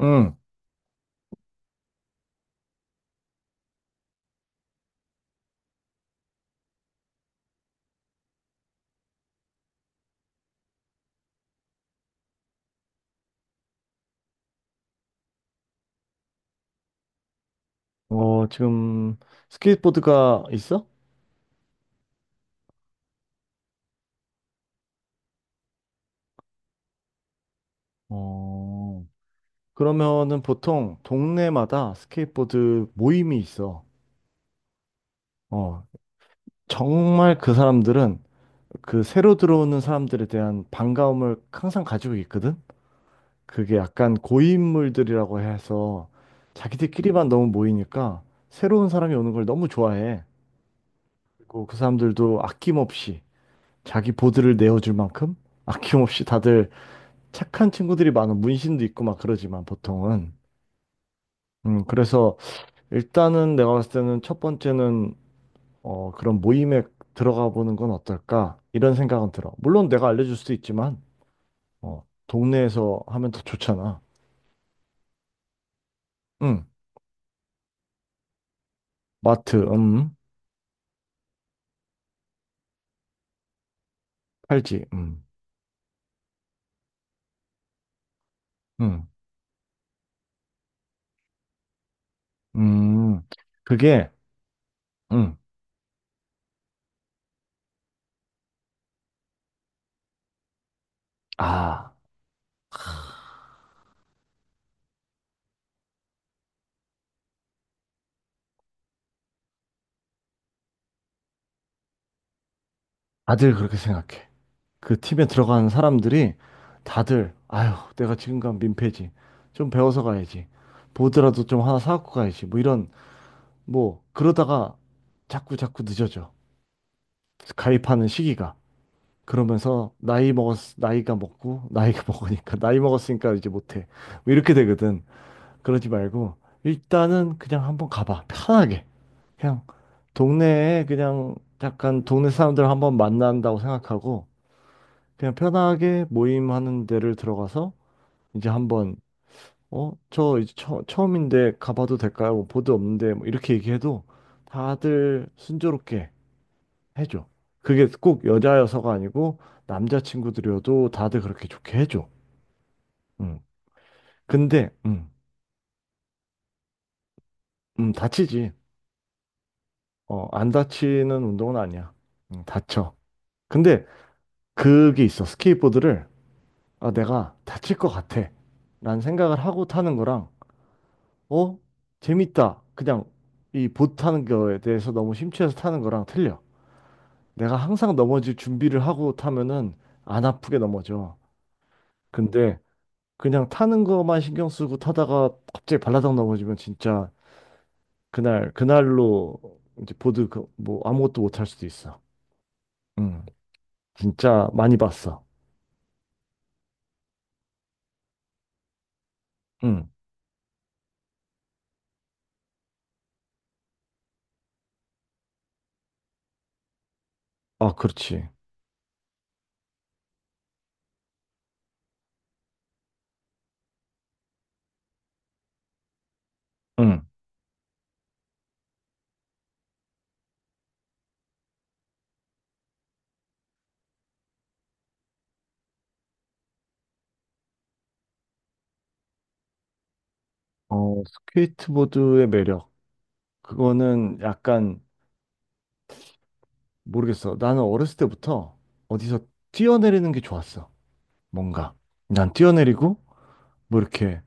응. 어, 지금 스케이트보드가 있어? 어, 그러면은 보통 동네마다 스케이트보드 모임이 있어. 어, 정말 그 사람들은 그 새로 들어오는 사람들에 대한 반가움을 항상 가지고 있거든? 그게 약간 고인물들이라고 해서 자기들끼리만 너무 모이니까 새로운 사람이 오는 걸 너무 좋아해. 그리고 그 사람들도 아낌없이 자기 보드를 내어줄 만큼 아낌없이 다들 착한 친구들이 많은 문신도 있고 막 그러지만 보통은 그래서 일단은 내가 봤을 때는 첫 번째는 어 그런 모임에 들어가 보는 건 어떨까 이런 생각은 들어. 물론 내가 알려줄 수도 있지만 어 동네에서 하면 더 좋잖아. 음. 마트. 음. 팔찌. 음음음. 그게. 음아. 다들 그렇게 생각해. 그 팀에 들어간 사람들이 다들, 아유 내가 지금 간 민폐지, 좀 배워서 가야지, 보드라도 좀 하나 사갖고 가야지, 뭐 이런, 뭐 그러다가 자꾸 자꾸 늦어져. 가입하는 시기가. 그러면서 나이가 먹고 나이가 먹으니까 나이 먹었으니까 이제 못해, 뭐 이렇게 되거든. 그러지 말고 일단은 그냥 한번 가봐. 편하게 그냥 동네에 그냥 약간 동네 사람들 한번 만난다고 생각하고 그냥 편하게 모임하는 데를 들어가서 이제 한번, 어, 저 이제 처음인데 가봐도 될까요? 뭐 보드 없는데, 뭐 이렇게 얘기해도 다들 순조롭게 해줘. 그게 꼭 여자여서가 아니고 남자 친구들이어도 다들 그렇게 좋게 해줘. 음. 근데 다치지. 어, 안 다치는 운동은 아니야. 다쳐. 근데 그게 있어. 스케이트보드를, 아, 내가 다칠 것 같아, 라는 생각을 하고 타는 거랑, 어? 재밌다, 그냥 이 보트 타는 거에 대해서 너무 심취해서 타는 거랑 틀려. 내가 항상 넘어질 준비를 하고 타면은 안 아프게 넘어져. 근데 그냥 타는 거만 신경 쓰고 타다가 갑자기 발라당 넘어지면 진짜 그날 그날로 이제 보드 그 뭐 아무것도 못할 수도 있어. 응. 진짜 많이 봤어. 응. 아, 그렇지. 응. 어, 스케이트보드의 매력. 그거는 약간 모르겠어. 나는 어렸을 때부터 어디서 뛰어내리는 게 좋았어. 뭔가. 난 뛰어내리고, 뭐 이렇게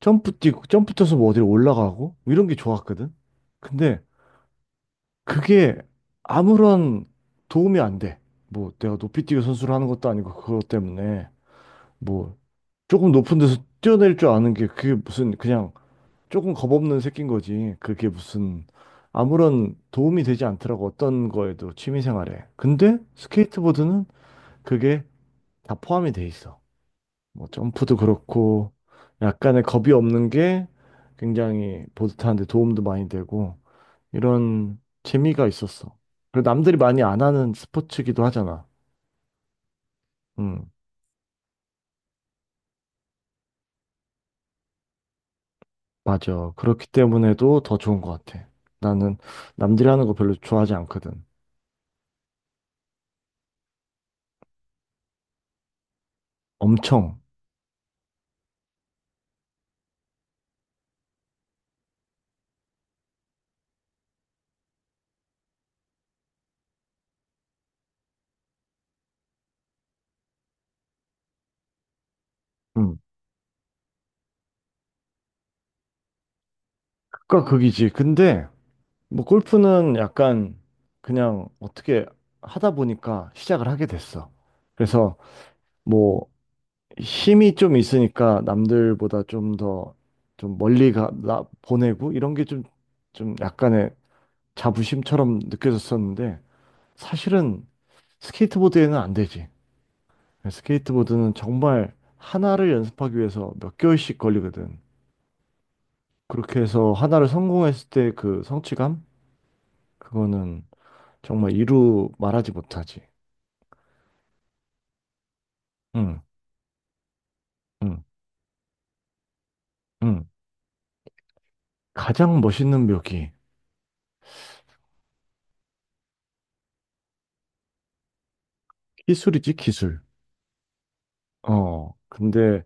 점프 뛰고, 점프 뛰어서 뭐 어디로 올라가고, 뭐 이런 게 좋았거든. 근데 그게 아무런 도움이 안 돼. 뭐 내가 높이 뛰기 선수를 하는 것도 아니고, 그것 때문에 뭐 조금 높은 데서 뛰어낼 줄 아는 게 그게 무슨 그냥 조금 겁없는 새끼인 거지. 그게 무슨 아무런 도움이 되지 않더라고. 어떤 거에도. 취미생활에. 근데 스케이트보드는 그게 다 포함이 돼 있어. 뭐 점프도 그렇고 약간의 겁이 없는 게 굉장히 보드타는데 도움도 많이 되고, 이런 재미가 있었어. 그리고 남들이 많이 안 하는 스포츠기도 하잖아. 음, 맞아. 그렇기 때문에도 더 좋은 것 같아. 나는 남들이 하는 거 별로 좋아하지 않거든. 엄청. 음, 극과 극이지. 근데 뭐 골프는 약간 그냥 어떻게 하다 보니까 시작을 하게 됐어. 그래서 뭐 힘이 좀 있으니까 남들보다 좀 더 좀 멀리 가, 나, 보내고 이런 게 좀, 좀 약간의 자부심처럼 느껴졌었는데 사실은 스케이트보드에는 안 되지. 스케이트보드는 정말 하나를 연습하기 위해서 몇 개월씩 걸리거든. 그렇게 해서 하나를 성공했을 때 그 성취감? 그거는 정말 이루 말하지 못하지. 응, 응, 응. 가장 멋있는 묘기. 기술이지, 기술. 어, 근데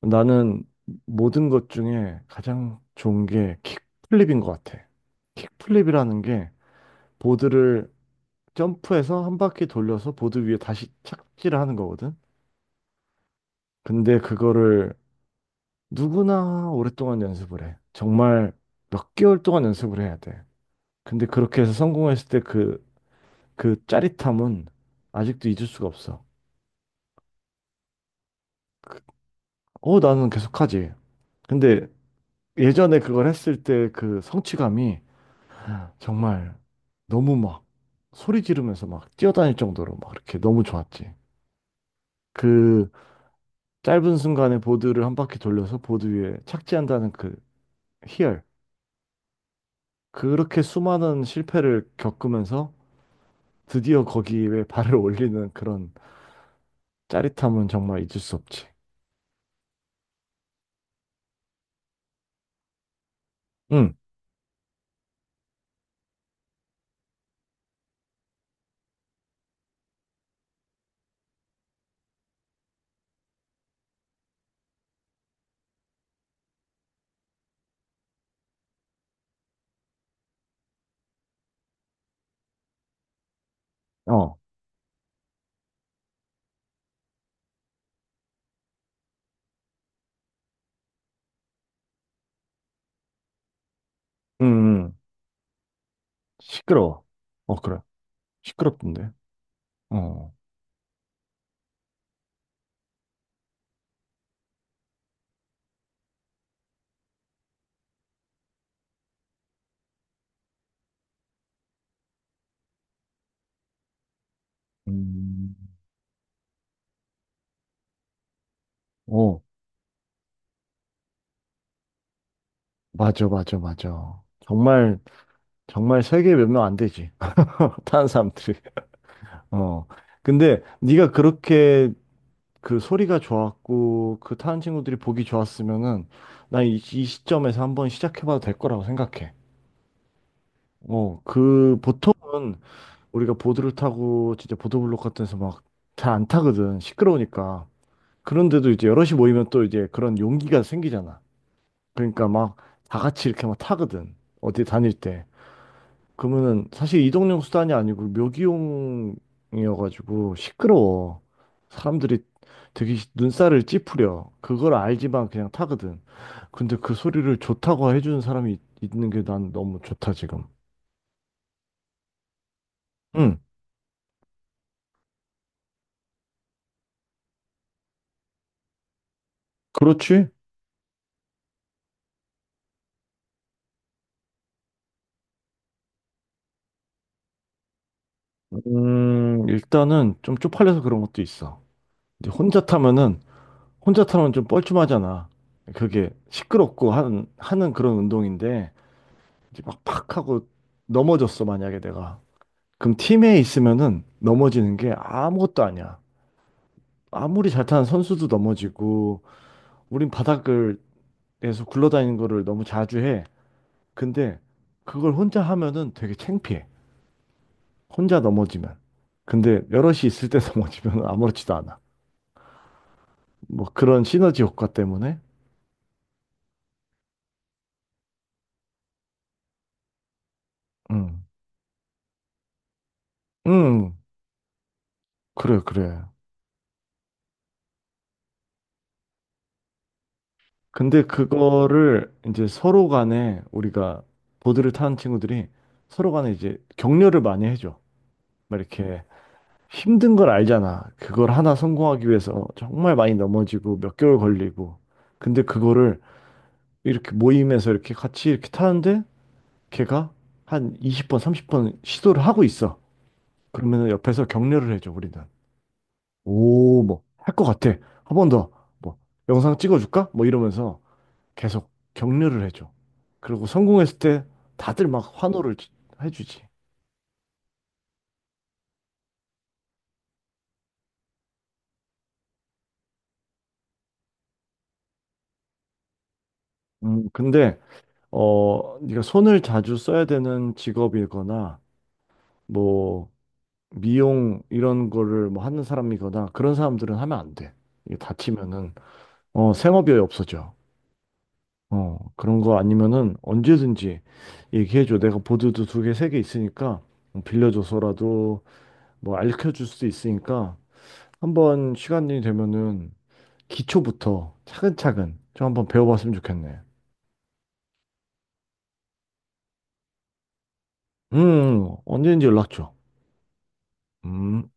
나는 모든 것 중에 가장 좋은 게 킥플립인 것 같아. 킥플립이라는 게 보드를 점프해서 한 바퀴 돌려서 보드 위에 다시 착지를 하는 거거든. 근데 그거를 누구나 오랫동안 연습을 해. 정말 몇 개월 동안 연습을 해야 돼. 근데 그렇게 해서 성공했을 때 그 짜릿함은 아직도 잊을 수가 없어. 어, 나는 계속하지. 근데 예전에 그걸 했을 때 그 성취감이 정말 너무 막 소리 지르면서 막 뛰어다닐 정도로 막 이렇게 너무 좋았지. 그 짧은 순간에 보드를 한 바퀴 돌려서 보드 위에 착지한다는 그 희열. 그렇게 수많은 실패를 겪으면서 드디어 거기에 발을 올리는 그런 짜릿함은 정말 잊을 수 없지. 응, 어, 응, 응. 시끄러워. 어, 그래. 시끄럽던데. 어, 음, 어, 맞아, 맞아, 맞아. 정말, 정말 세계 몇 명 안 되지. 다는 사람들이. 어. 근데 네가 그렇게 그 소리가 좋았고 그 타는 친구들이 보기 좋았으면은 난 이 시점에서 한번 시작해봐도 될 거라고 생각해. 어, 그 보통은 우리가 보드를 타고 진짜 보도블록 같은 데서 막 잘 안 타거든. 시끄러우니까. 그런데도 이제 여럿이 모이면 또 이제 그런 용기가 생기잖아. 그러니까 막 다 같이 이렇게 막 타거든. 어디 다닐 때. 그러면은 사실 이동용 수단이 아니고 묘기용이어가지고 시끄러워. 사람들이 되게 눈살을 찌푸려. 그걸 알지만 그냥 타거든. 근데 그 소리를 좋다고 해주는 사람이 있는 게 난 너무 좋다, 지금. 응, 그렇지. 일단은 좀 쪽팔려서 그런 것도 있어. 이제 혼자 타면은, 혼자 타면 좀 뻘쭘하잖아. 그게 시끄럽고 하는 그런 운동인데, 이제 막 팍 하고 넘어졌어, 만약에 내가. 그럼 팀에 있으면은 넘어지는 게 아무것도 아니야. 아무리 잘 타는 선수도 넘어지고, 우린 바닥을에서 굴러다니는 거를 너무 자주 해. 근데 그걸 혼자 하면은 되게 창피해. 혼자 넘어지면. 근데 여럿이 있을 때 넘어지면 아무렇지도 않아. 뭐 그런 시너지 효과 때문에. 음. 음. 그래, 그래. 근데 그거를 이제 서로 간에 우리가 보드를 타는 친구들이 서로 간에 이제 격려를 많이 해줘. 막 이렇게 힘든 걸 알잖아. 그걸 하나 성공하기 위해서 정말 많이 넘어지고 몇 개월 걸리고. 근데 그거를 이렇게 모임에서 이렇게 같이 이렇게 타는데 걔가 한 20번, 30번 시도를 하고 있어. 그러면은 옆에서 격려를 해줘, 우리는. 오, 뭐, 할 것 같아. 한 번 더, 뭐, 영상 찍어줄까? 뭐 이러면서 계속 격려를 해줘. 그리고 성공했을 때 다들 막 환호를 해주지. 근데, 어, 네가 손을 자주 써야 되는 직업이거나 뭐 미용 이런 거를 뭐 하는 사람이거나 그런 사람들은 하면 안 돼. 이게 다치면은 어 생업이 없어져. 어 그런 거 아니면은 언제든지 얘기해줘. 내가 보드도 2개, 3개 있으니까 뭐 빌려줘서라도 뭐 알려줄 수도 있으니까 한번 시간이 되면은 기초부터 차근차근 좀 한번 배워봤으면 좋겠네. 언제든지 연락 줘. 음.